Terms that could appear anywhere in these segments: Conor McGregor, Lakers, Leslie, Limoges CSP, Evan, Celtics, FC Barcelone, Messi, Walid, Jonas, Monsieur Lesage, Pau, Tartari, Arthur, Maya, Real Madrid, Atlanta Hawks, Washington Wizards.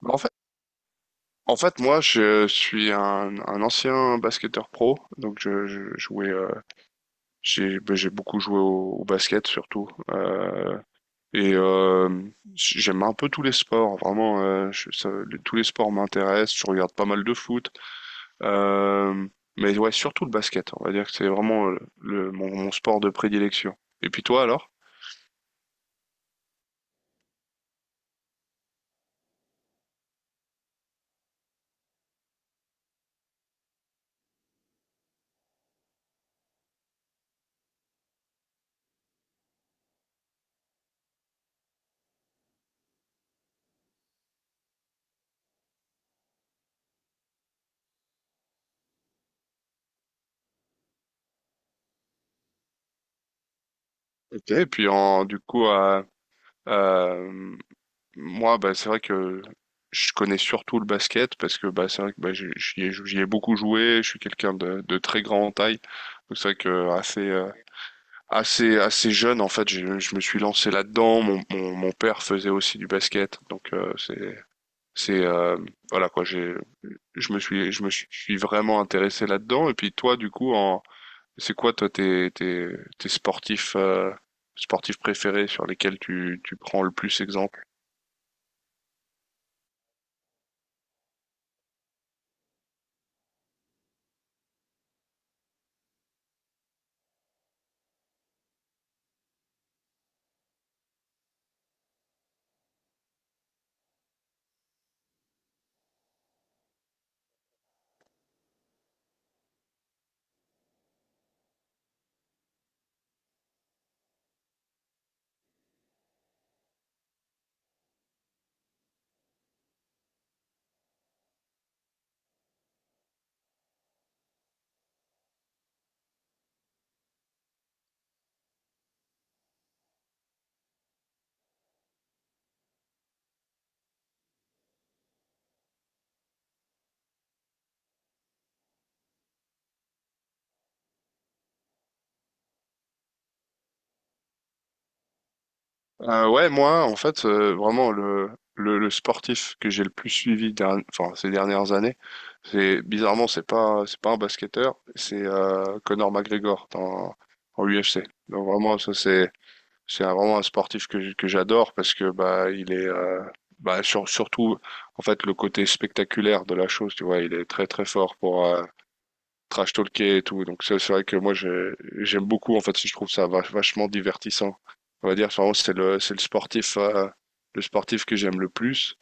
Bah, En fait, moi, suis un ancien basketteur pro, donc je jouais. J'ai beaucoup joué au basket surtout. Et euh, J'aime un peu tous les sports, vraiment. Tous les sports m'intéressent. Je regarde pas mal de foot, euh, mais ouais, surtout le basket. On va dire que c'est vraiment mon sport de prédilection. Et puis toi alors? Ok, et puis du coup, à moi, bah, c'est vrai que je connais surtout le basket parce que bah, c'est vrai que bah, j'y ai beaucoup joué. Je suis quelqu'un de très grand en taille. Donc c'est vrai que assez jeune, en fait, je me suis lancé là-dedans. Mon père faisait aussi du basket. C'est, euh, voilà quoi, j'ai, je me suis vraiment intéressé là-dedans. Et puis toi, du coup, c'est quoi toi tes sportifs, sportifs préférés sur lesquels tu prends le plus exemple? Ouais, moi, en fait, vraiment, le sportif que j'ai le plus enfin, ces dernières années, c'est bizarrement, c'est pas un basketteur, c'est Conor McGregor dans, en UFC. Donc vraiment, c'est vraiment un sportif que j'adore parce que bah, il est, bah, sur- surtout, en fait, le côté spectaculaire de la chose, tu vois, il est très très fort pour, trash talker et tout. Donc c'est vrai que j'aime beaucoup en fait, je trouve vachement divertissant. On va dire enfin, c'est le sportif que j'aime le plus.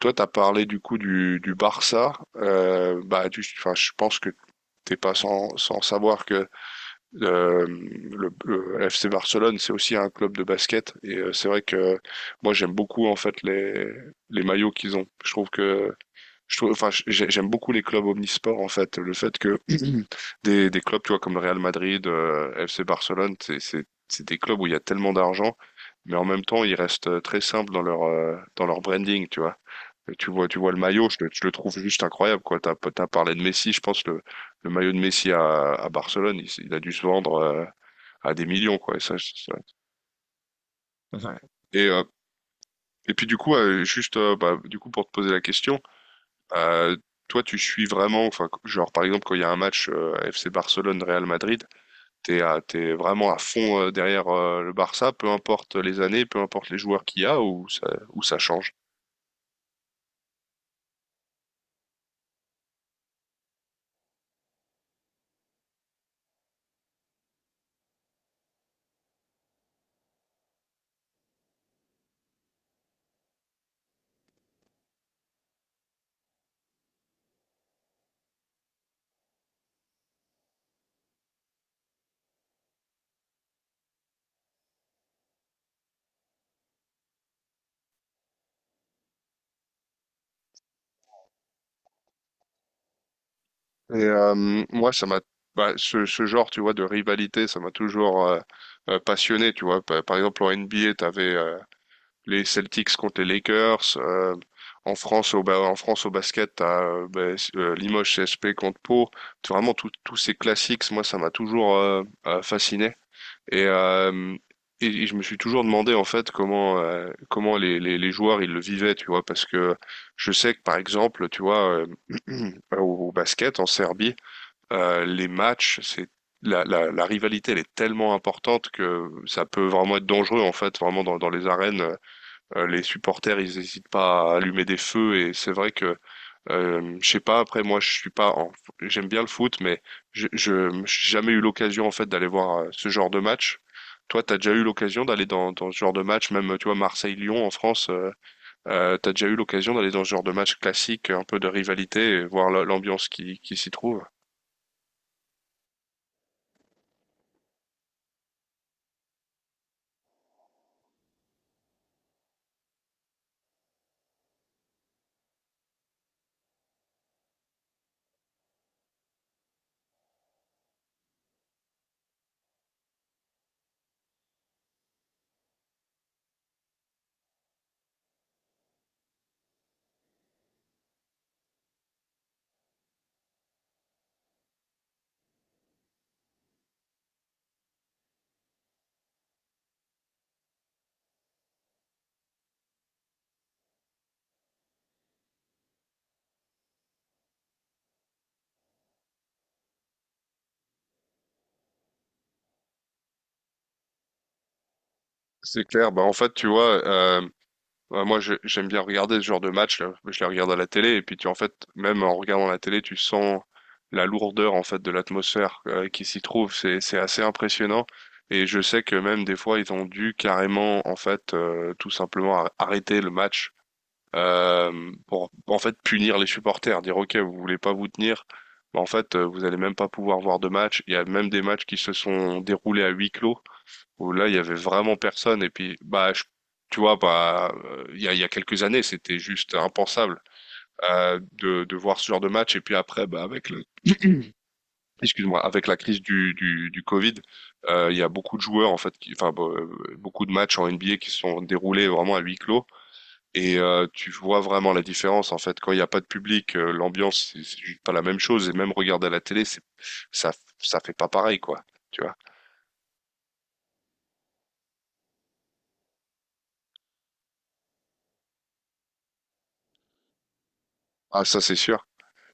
Toi t'as parlé du coup du Barça, bah tu enfin je pense que t'es pas sans savoir que le FC Barcelone c'est aussi un club de basket et c'est vrai que moi j'aime beaucoup en fait les maillots qu'ils ont. Je trouve, enfin, j'aime beaucoup les clubs omnisports en fait. Le fait que des clubs, tu vois, comme le Real Madrid, FC Barcelone, c'est des clubs où il y a tellement d'argent, mais en même temps, ils restent très simples dans leur branding, tu vois. Tu vois le maillot, je le trouve juste incroyable, quoi. T'as parlé de Messi, je pense le maillot de Messi à Barcelone, il a dû se vendre à des millions, quoi. Et ça, et puis du coup, du coup, pour te poser la question. Euh, toi, tu suis vraiment, enfin, genre par exemple quand il y a un match FC Barcelone-Real Madrid, t'es vraiment à fond derrière le Barça, peu importe les années, peu importe les joueurs qu'il y a ou ça change. Et moi, ce genre, tu vois, de rivalité, ça m'a toujours passionné, tu vois. Par exemple, en NBA, t'avais les Celtics contre les Lakers. En France, au basket, t'as Limoges CSP contre Pau. C'est Vraiment, tous ces classiques, moi, ça m'a toujours fasciné. Et, euh, et je me suis toujours demandé, en fait, comment les joueurs, ils le vivaient, tu vois. Parce que je sais que, par exemple, tu vois, au basket, en Serbie, les matchs, la rivalité, elle est tellement importante que ça peut vraiment être dangereux, en fait, vraiment dans les arènes. Les supporters, ils n'hésitent pas à allumer des feux et c'est vrai que je sais pas. Après, moi, je suis pas. En- J'aime bien le foot, mais j'ai jamais eu l'occasion en fait d'aller voir ce genre de match. Toi, t'as déjà eu l'occasion d'aller dans ce genre de match, même tu vois Marseille-Lyon en France. T'as déjà eu l'occasion d'aller dans ce genre de match classique, un peu de rivalité, et voir l'ambiance qui s'y trouve. C'est clair. Bah en fait, tu vois. Ouais, moi, j'aime bien regarder ce genre de match là. Je les regarde à la télé et puis tu en fait, même en regardant la télé, tu sens la lourdeur en fait de l'atmosphère qui s'y trouve. C'est assez impressionnant. Et je sais que même des fois, ils ont dû carrément en fait tout simplement arrêter le match pour en fait punir les supporters, dire OK, vous voulez pas vous tenir, mais en fait, vous allez même pas pouvoir voir de match. Il y a même des matchs qui se sont déroulés à huis clos où là, il y avait vraiment personne. Et puis, tu vois, bah, il y a quelques années, c'était juste impensable de voir ce genre de match. Et puis après, bah, avec excuse-moi, avec la crise du Covid, il y a beaucoup de joueurs en fait, beaucoup de matchs en NBA qui se sont déroulés vraiment à huis clos. Et tu vois vraiment la différence en fait. Quand il n'y a pas de public, l'ambiance, c'est juste pas la même chose. Et même regarder à la télé, ça, ça fait pas pareil, quoi. Tu vois. Ah, ça, c'est sûr.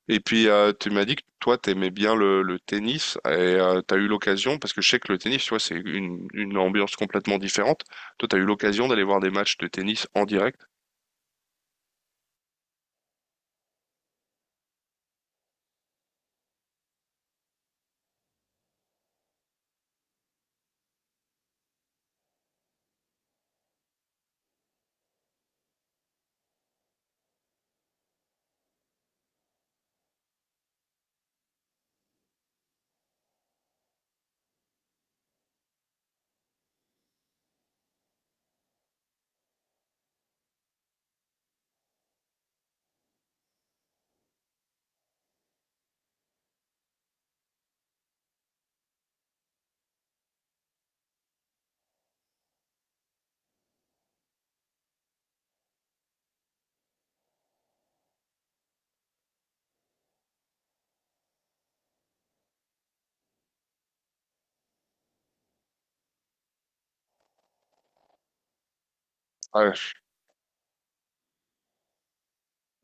Et puis, tu m'as dit que toi, t'aimais bien le tennis et t'as eu l'occasion, parce que je sais que le tennis, tu vois, c'est une ambiance complètement différente. Toi, t'as eu l'occasion d'aller voir des matchs de tennis en direct? Ah,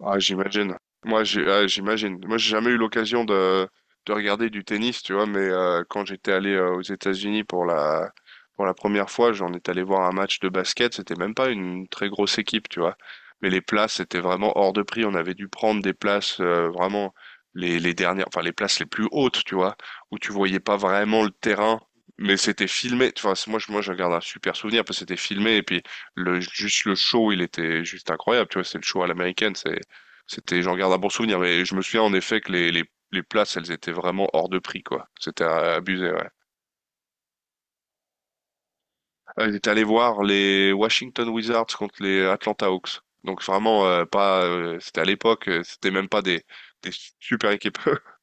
ah, j'imagine. Moi, j'ai jamais eu l'occasion de regarder du tennis, tu vois, mais quand j'étais allé aux États-Unis pour pour la première fois, j'en étais allé voir un match de basket. C'était même pas une très grosse équipe, tu vois. Mais les places étaient vraiment hors de prix. On avait dû prendre des places vraiment les dernières, enfin les places les plus hautes, tu vois, où tu voyais pas vraiment le terrain. Mais c'était filmé, tu vois, moi, je garde un super souvenir parce que c'était filmé et puis juste le show, il était juste incroyable, tu vois, c'est le show à l'américaine, c'était, j'en regarde un bon souvenir, mais je me souviens en effet que les places, elles étaient vraiment hors de prix, quoi. C'était abusé, ouais. J'étais allé voir les Washington Wizards contre les Atlanta Hawks. Donc vraiment pas, c'était à l'époque, c'était même pas des super équipes.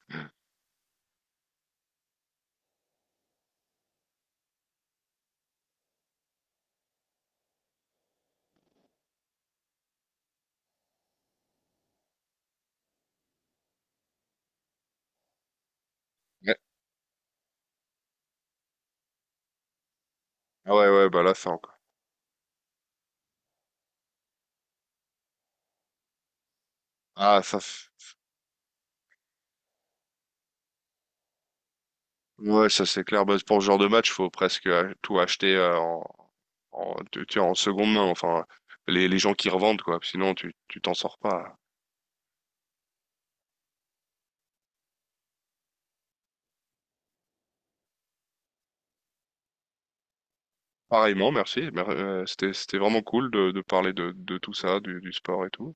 Ouais, ah ouais, ouais, bah là ça encore. Ah ça, c'est- ouais, ça c'est clair. Bah, pour ce genre de match, faut presque tout acheter en, tu vois, en seconde main. Enfin, les gens qui revendent quoi. Sinon tu t'en sors pas. Pareillement, merci. C'était, c'était vraiment cool de parler de tout ça, du sport et tout.